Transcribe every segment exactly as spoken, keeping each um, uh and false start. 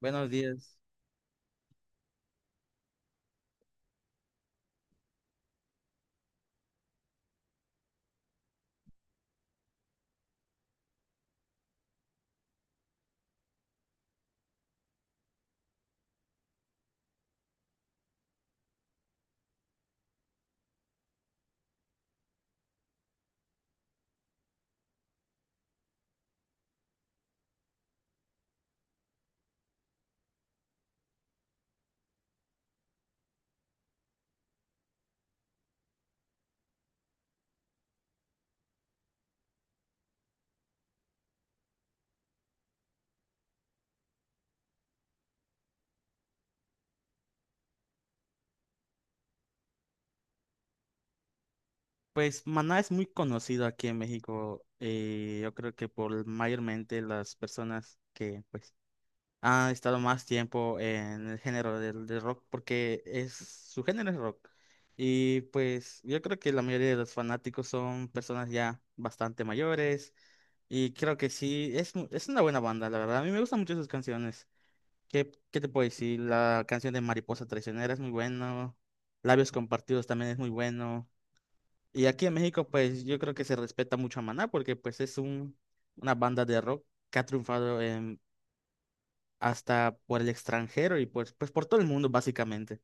Buenos días. Pues Maná es muy conocido aquí en México. Eh, yo creo que por mayormente las personas que pues han estado más tiempo en el género del, del rock, porque es su género es rock. Y pues yo creo que la mayoría de los fanáticos son personas ya bastante mayores. Y creo que sí, es, mu- es una buena banda, la verdad. A mí me gustan mucho sus canciones. ¿Qué, qué te puedo decir? La canción de Mariposa Traicionera es muy buena. Labios Compartidos también es muy bueno. Y aquí en México, pues yo creo que se respeta mucho a Maná porque pues es un, una banda de rock que ha triunfado en- hasta por el extranjero y pues, pues por todo el mundo básicamente.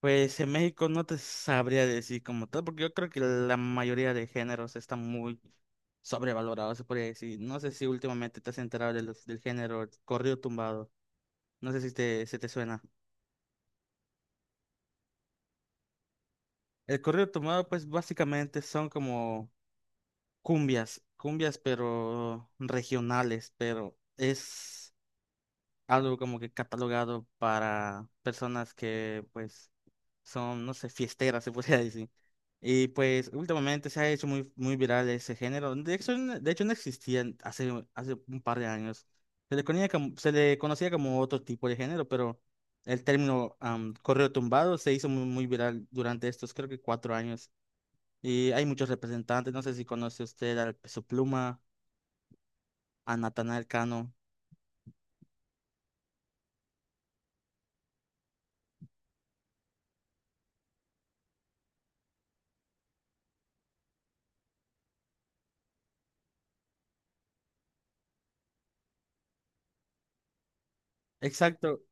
Pues en México no te sabría decir como tal, porque yo creo que la mayoría de géneros están muy sobrevalorados, se podría decir. No sé si últimamente te has enterado de los- del género corrido tumbado. No sé si te, se te suena. El corrido tumbado, pues básicamente son como cumbias, cumbias pero regionales, pero es algo como que catalogado para personas que pues son, no sé, fiesteras, se podría decir. Y pues últimamente se ha hecho muy, muy viral ese género. De hecho, no- de hecho no existía hace, hace un par de años. Se le conocía como, se le conocía como otro tipo de género, pero el término am, correo tumbado se hizo muy, muy viral durante estos, creo que cuatro años. Y hay muchos representantes, no sé si conoce usted al Peso Pluma a Natanael Cano. Exacto.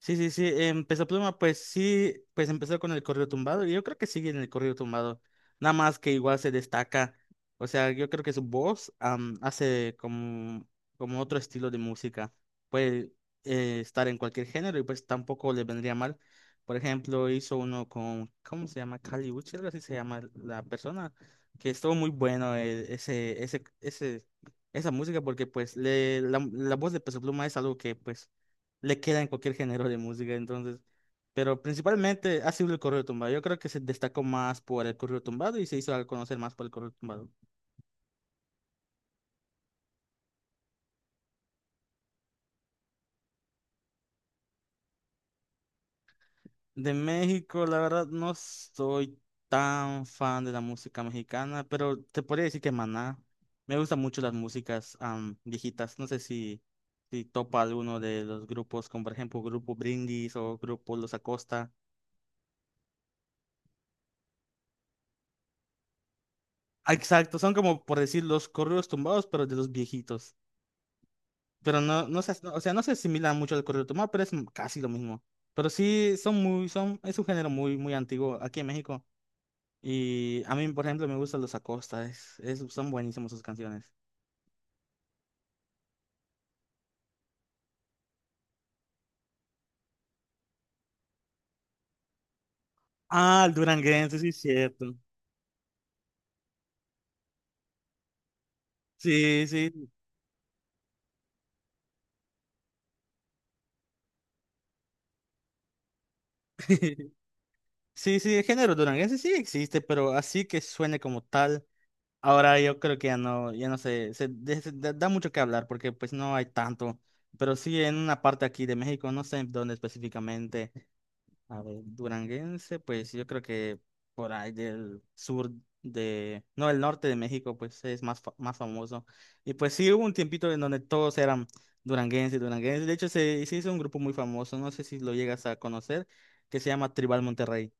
Sí, sí, sí, empezó Pluma, pues sí, pues empezó con el corrido tumbado y yo creo que sigue en el corrido tumbado, nada más que igual se destaca, o sea, yo creo que su voz am, hace como, como otro estilo de música, puede eh, estar en cualquier género y pues tampoco le vendría mal, por ejemplo, hizo uno con, ¿cómo se llama? Kali Uchis, algo así se llama la persona, que estuvo muy bueno eh, ese, ese, ese, esa música porque pues le, la, la voz de Peso Pluma es algo que pues le queda en cualquier género de música, entonces. Pero principalmente ha sido el corrido tumbado. Yo creo que se destacó más por el corrido tumbado y se hizo al conocer más por el corrido tumbado. De México, la verdad, no soy tan fan de la música mexicana, pero te podría decir que Maná. Me gustan mucho las músicas am, viejitas. No sé si, si topa alguno de los grupos, como por ejemplo Grupo Brindis o Grupo Los Acosta. Ah, exacto, son como por decir los corridos tumbados, pero de los viejitos. Pero no, no se, as- no, o sea, no se asimila mucho al corrido tumbado, pero es m- casi lo mismo. Pero sí, son muy, son, es un género muy, muy antiguo aquí en México. Y a mí, por ejemplo, me gustan los Acosta, es, es- son buenísimos sus canciones. Ah, el duranguense, sí, es cierto. Sí, sí. Sí, sí, el género duranguense sí existe, pero así que suene como tal. Ahora yo creo que ya no, ya no sé, se, de- se- da da mucho que hablar porque pues no hay tanto. Pero sí en una parte aquí de México, no sé dónde específicamente. A ver, duranguense, pues yo creo que por ahí del sur de, no, el norte de México, pues es más, fa- más famoso. Y pues sí, hubo un tiempito en donde todos eran duranguenses, duranguenses. De hecho, se, se hizo un grupo muy famoso, no sé si lo llegas a conocer, que se llama Tribal Monterrey.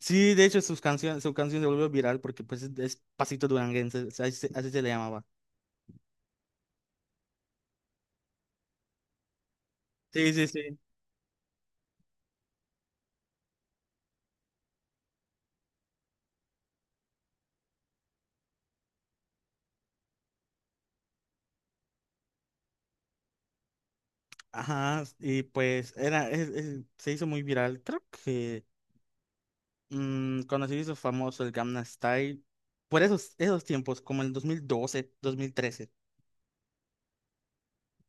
Sí, de hecho, sus canciones, su canción se volvió viral porque pues es, es pasito duranguense, o sea, así, se así se le llamaba. Sí, sí, sí. Ajá, y pues era, es- es- se hizo muy viral, creo. Mm, cuando se hizo famoso el Gangnam Style, por esos, esos tiempos, como el dos mil doce, dos mil trece.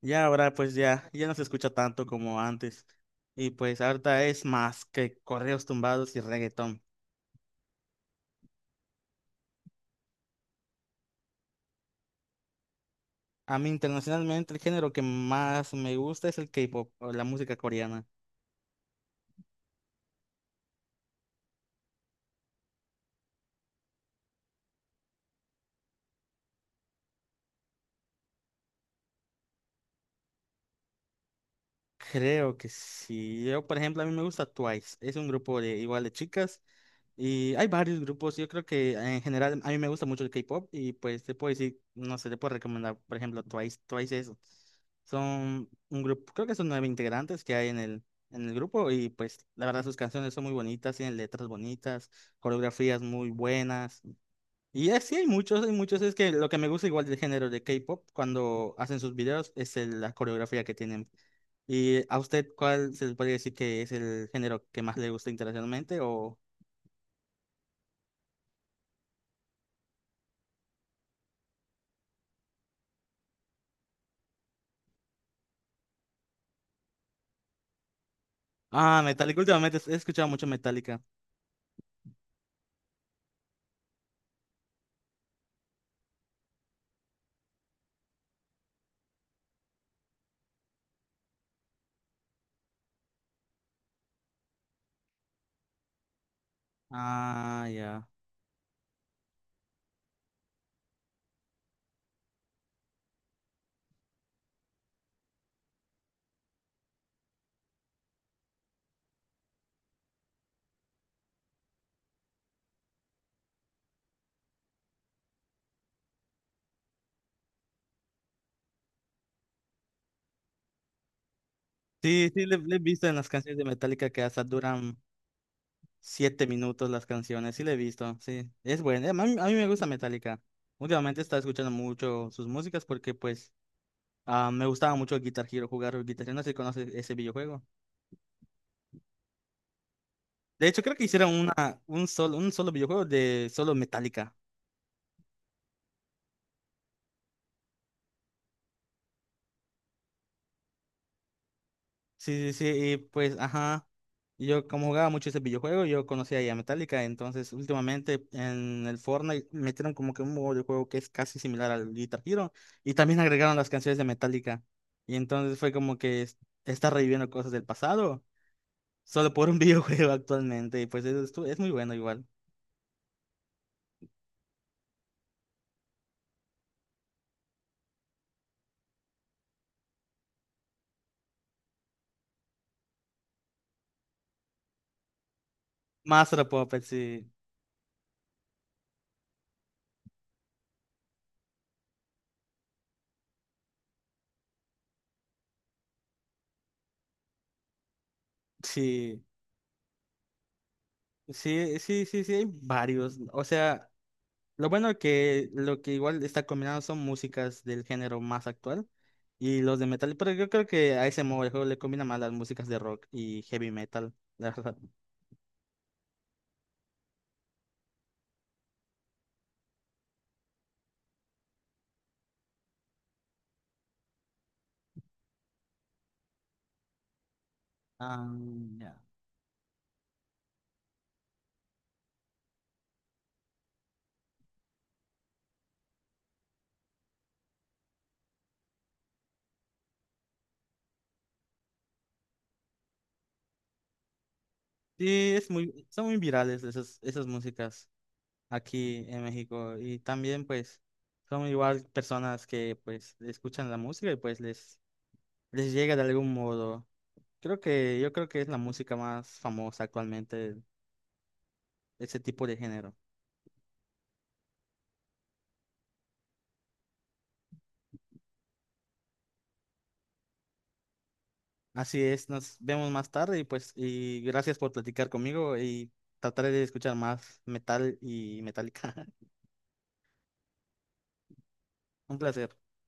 Ya ahora pues ya, ya no se escucha tanto como antes. Y pues ahorita es más que correos tumbados y reggaetón. A mí internacionalmente el género que más me gusta es el K-pop, o la música coreana. Creo que sí. Yo, por ejemplo, a mí me gusta Twice. Es un grupo de igual de chicas. Y hay varios grupos, yo creo que en general a mí me gusta mucho el K-pop y pues te puedo decir, no sé, te puedo recomendar, por ejemplo, Twice, Twice eso. Son un grupo, creo que son nueve integrantes que hay en el, en el grupo y pues la verdad sus canciones son muy bonitas, tienen letras bonitas, coreografías muy buenas. Y eh, sí hay muchos, hay muchos, es que lo que me gusta igual del género de K-pop cuando hacen sus videos es el- la coreografía que tienen. ¿Y a usted cuál se le podría decir que es el género que más le gusta internacionalmente o... Ah, Metallica. Últimamente he escuchado mucho Metallica. Ah, ya. Sí, sí, le, le he visto en las canciones de Metallica que hasta duran siete minutos las canciones. Sí, le he visto. Sí, es bueno. A mí, a mí me gusta Metallica. Últimamente estaba escuchando mucho sus músicas porque, pues, ah, me gustaba mucho Guitar Hero, jugar Guitar Hero. No sé si conoces ese videojuego. De hecho, creo que hicieron una, un solo, un solo videojuego de solo Metallica. Sí, sí, sí, y pues, ajá, yo como jugaba mucho ese videojuego, yo conocía ya Metallica, entonces últimamente en el Fortnite metieron como que un modo de juego que es casi similar al Guitar Hero, y también agregaron las canciones de Metallica, y entonces fue como que es- está reviviendo cosas del pasado, solo por un videojuego actualmente, y pues eso estu- es, muy bueno igual. Master of Puppets, sí, sí, sí, sí, sí, sí, hay varios, o sea, lo bueno que lo que igual está combinado son músicas del género más actual y los de metal, pero yo creo que a ese modo el juego le combina más las músicas de rock y heavy metal, la verdad. Ah, ya. Sí, es muy, son muy virales esas, esas músicas aquí en México y también pues son igual personas que pues escuchan la música y pues les, les llega de algún modo. Creo que yo creo que es la música más famosa actualmente, ese tipo de género. Así es, nos vemos más tarde y pues y gracias por platicar conmigo y trataré de escuchar más metal y metálica. Un placer.